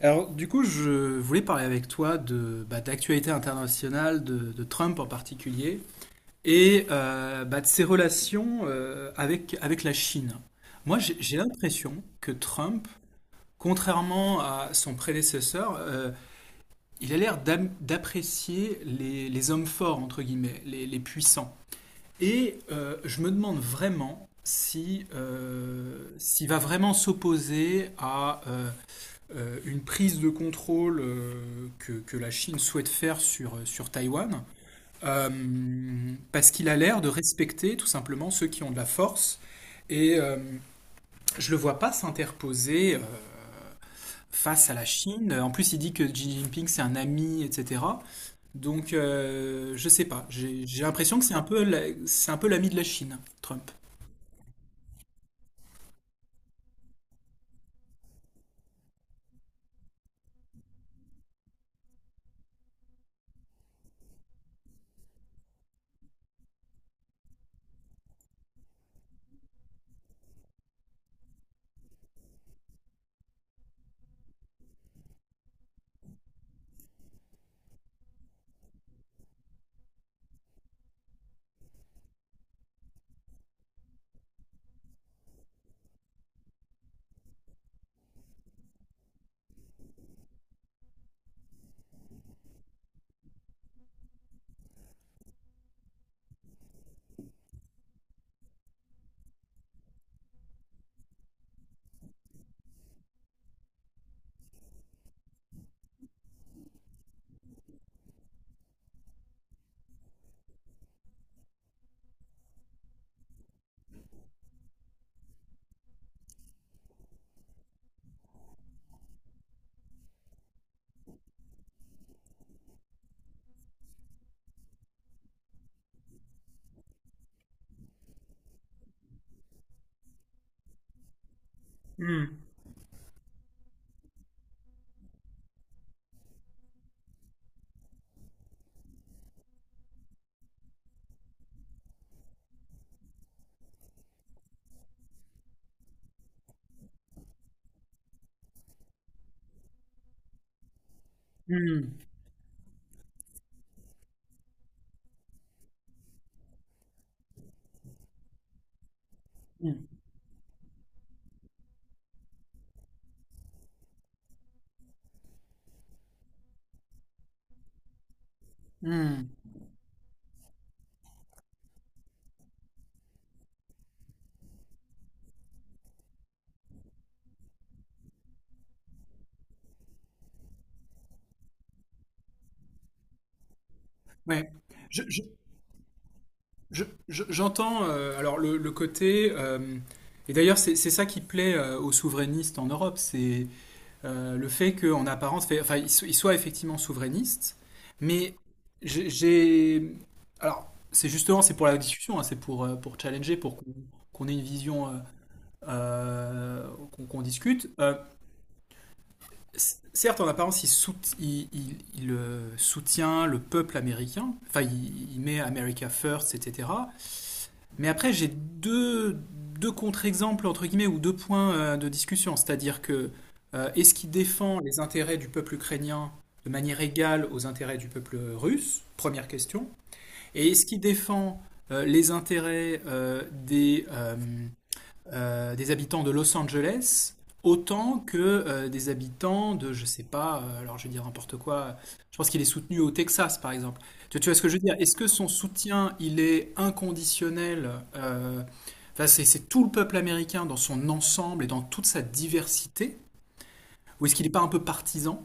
Alors, du coup, je voulais parler avec toi de d'actualité internationale, de Trump en particulier, et de ses relations avec, avec la Chine. Moi, j'ai l'impression que Trump, contrairement à son prédécesseur, il a l'air d'apprécier les hommes forts, entre guillemets, les puissants. Et je me demande vraiment si, s'il va vraiment s'opposer à... une prise de contrôle que la Chine souhaite faire sur, sur Taïwan, parce qu'il a l'air de respecter tout simplement ceux qui ont de la force, et je le vois pas s'interposer face à la Chine. En plus, il dit que Xi Jinping c'est un ami, etc. Donc, je sais pas. J'ai l'impression que c'est un peu c'est un peu l'ami de la Chine, Trump. Hmm, hmm, hmm, hmm. Ouais. J'entends alors le côté et d'ailleurs c'est ça qui plaît aux souverainistes en Europe, c'est le fait qu'en apparence, enfin ils soient effectivement souverainistes, mais j'ai j'ai- alors c'est justement c'est pour la discussion, hein, c'est pour challenger, pour qu'on ait une vision qu'on discute. Certes en apparence il soutient le peuple américain, il met America First, etc. Mais après, deux contre-exemples, entre guillemets, ou deux points de discussion. C'est-à-dire que est-ce qu'il défend les intérêts du peuple ukrainien de manière égale aux intérêts du peuple russe? Première question. Et est-ce qu'il défend les intérêts des habitants de Los Angeles autant que des habitants de, je sais pas, alors je vais dire n'importe quoi, je pense qu'il est soutenu au Texas par exemple. Tu vois ce que je veux dire? Est-ce que son soutien, il est inconditionnel? euh, enfin, c'est tout le peuple américain dans son ensemble et dans toute sa diversité? Ou est-ce qu'il n'est pas un peu partisan?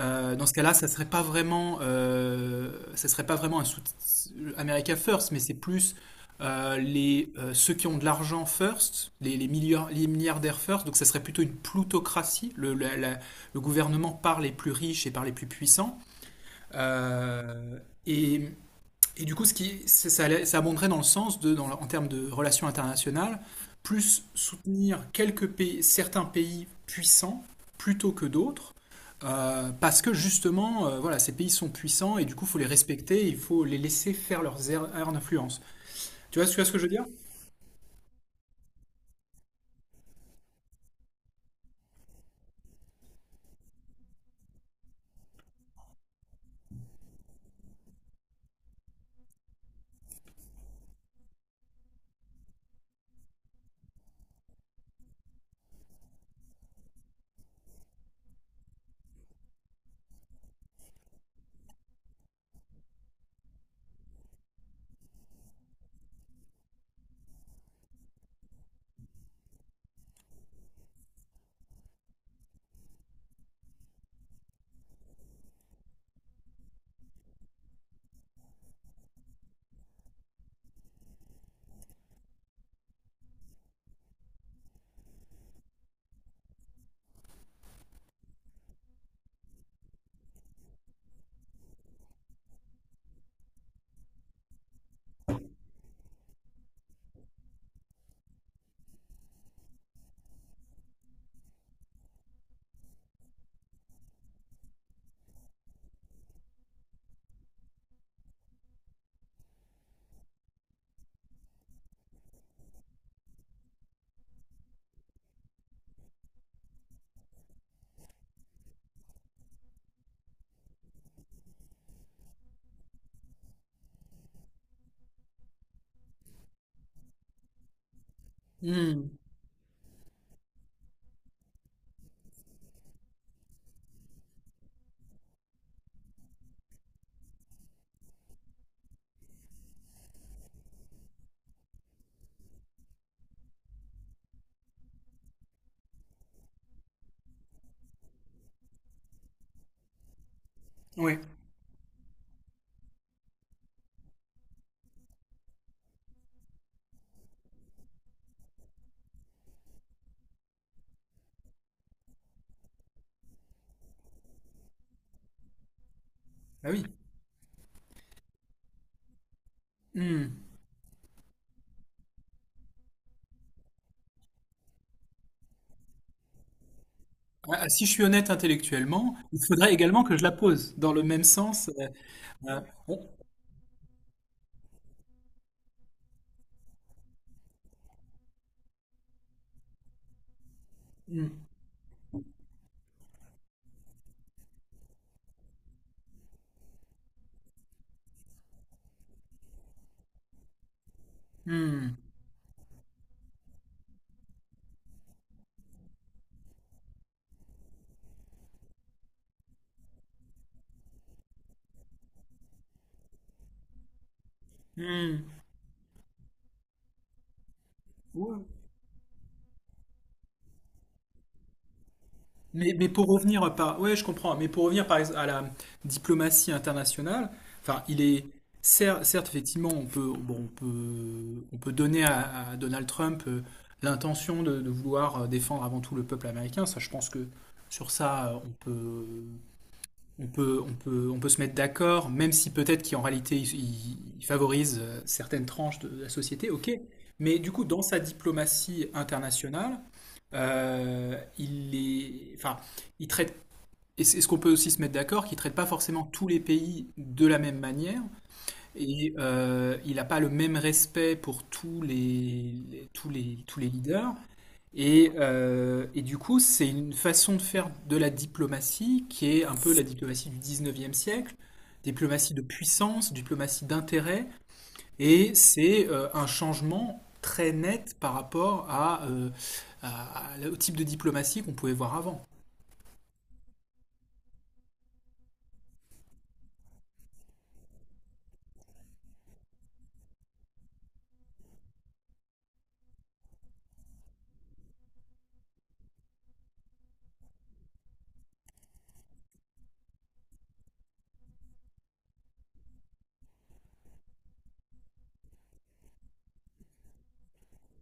Dans ce cas-là, ça serait pas vraiment, ça serait pas vraiment un America First, mais c'est plus les ceux qui ont de l'argent first, les milliardaires first. Donc ça serait plutôt une plutocratie. Le gouvernement par les plus riches et par les plus puissants. Euh, et et du coup, ça abonderait dans le sens de, dans en termes de relations internationales, plus soutenir quelques pays, certains pays puissants plutôt que d'autres, parce que justement, voilà, ces pays sont puissants et du coup, il faut les respecter, il faut les laisser faire leurs aires d'influence. Tu vois, tu vois ce que je veux dire? Hmm. Oui, bah oui. Hmm. Ah, si je suis honnête intellectuellement, il faudrait également que je la pose dans le même sens. Euh, bon. Hmm. Hmm. Hmm. Ouais. Mais pour revenir par, ouais, je comprends. Mais pour revenir à la diplomatie internationale, enfin, il est certes, effectivement, on peut, bon, on peut donner à Donald Trump l'intention de vouloir défendre avant tout le peuple américain. Ça, je pense que sur ça, on peut se mettre d'accord, même si peut-être qu'en réalité, il favorise certaines tranches de la société, ok. Mais du coup, dans sa diplomatie internationale, il est, enfin, il traite. Et est-ce qu'on peut aussi se mettre d'accord qu'il ne traite pas forcément tous les pays de la même manière et il n'a pas le même respect pour tous tous tous les leaders et du coup, c'est une façon de faire de la diplomatie qui est un peu la diplomatie du 19e siècle, diplomatie de puissance, diplomatie d'intérêt, et c'est un changement très net par rapport à, au type de diplomatie qu'on pouvait voir avant.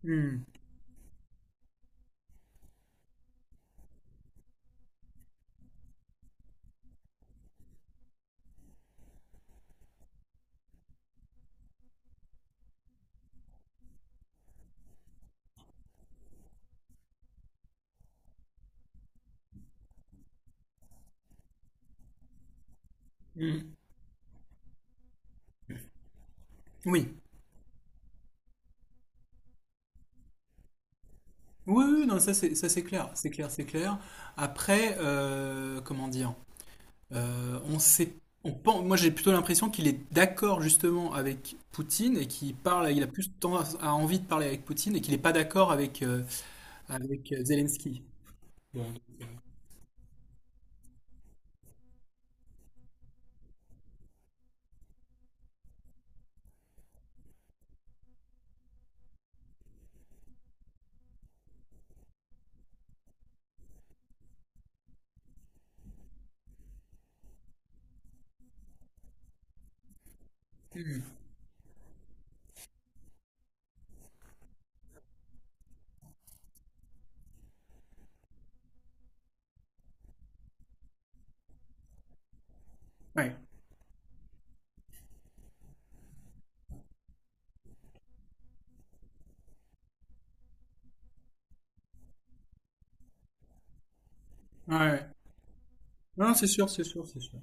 Hmm, hmm. Oui. Oui, oui, non, ça, c'est clair, c'est clair, c'est clair. Après, comment dire? On sait, on pense, moi j'ai plutôt l'impression qu'il est d'accord justement avec Poutine et qu'il parle, il a plus tendance à envie de parler avec Poutine et qu'il n'est pas d'accord avec, avec Zelensky. Ouais, ouais, ouais. Non, c'est sûr, c'est sûr, c'est sûr.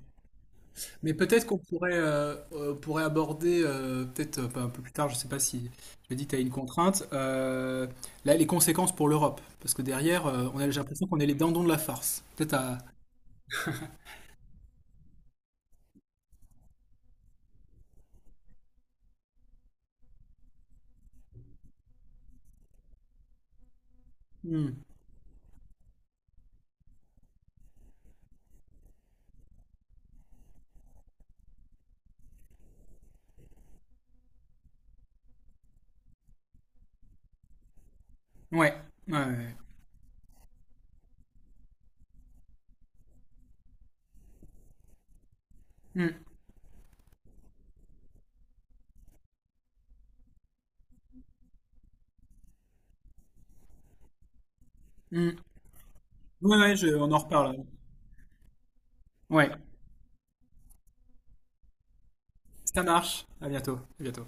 Mais peut-être qu'on pourrait, pourrait aborder, peut-être un peu plus tard, je sais pas si je me dis que tu as une contrainte, là, les conséquences pour l'Europe. Parce que derrière, on a, j'ai l'impression qu'on est les dindons de la farce. Peut-être à. Hmm. Ouais, ouais, ouais. Ouais. Hmm. Hmm. On en reparle. Ouais, ça marche. À bientôt. À bientôt.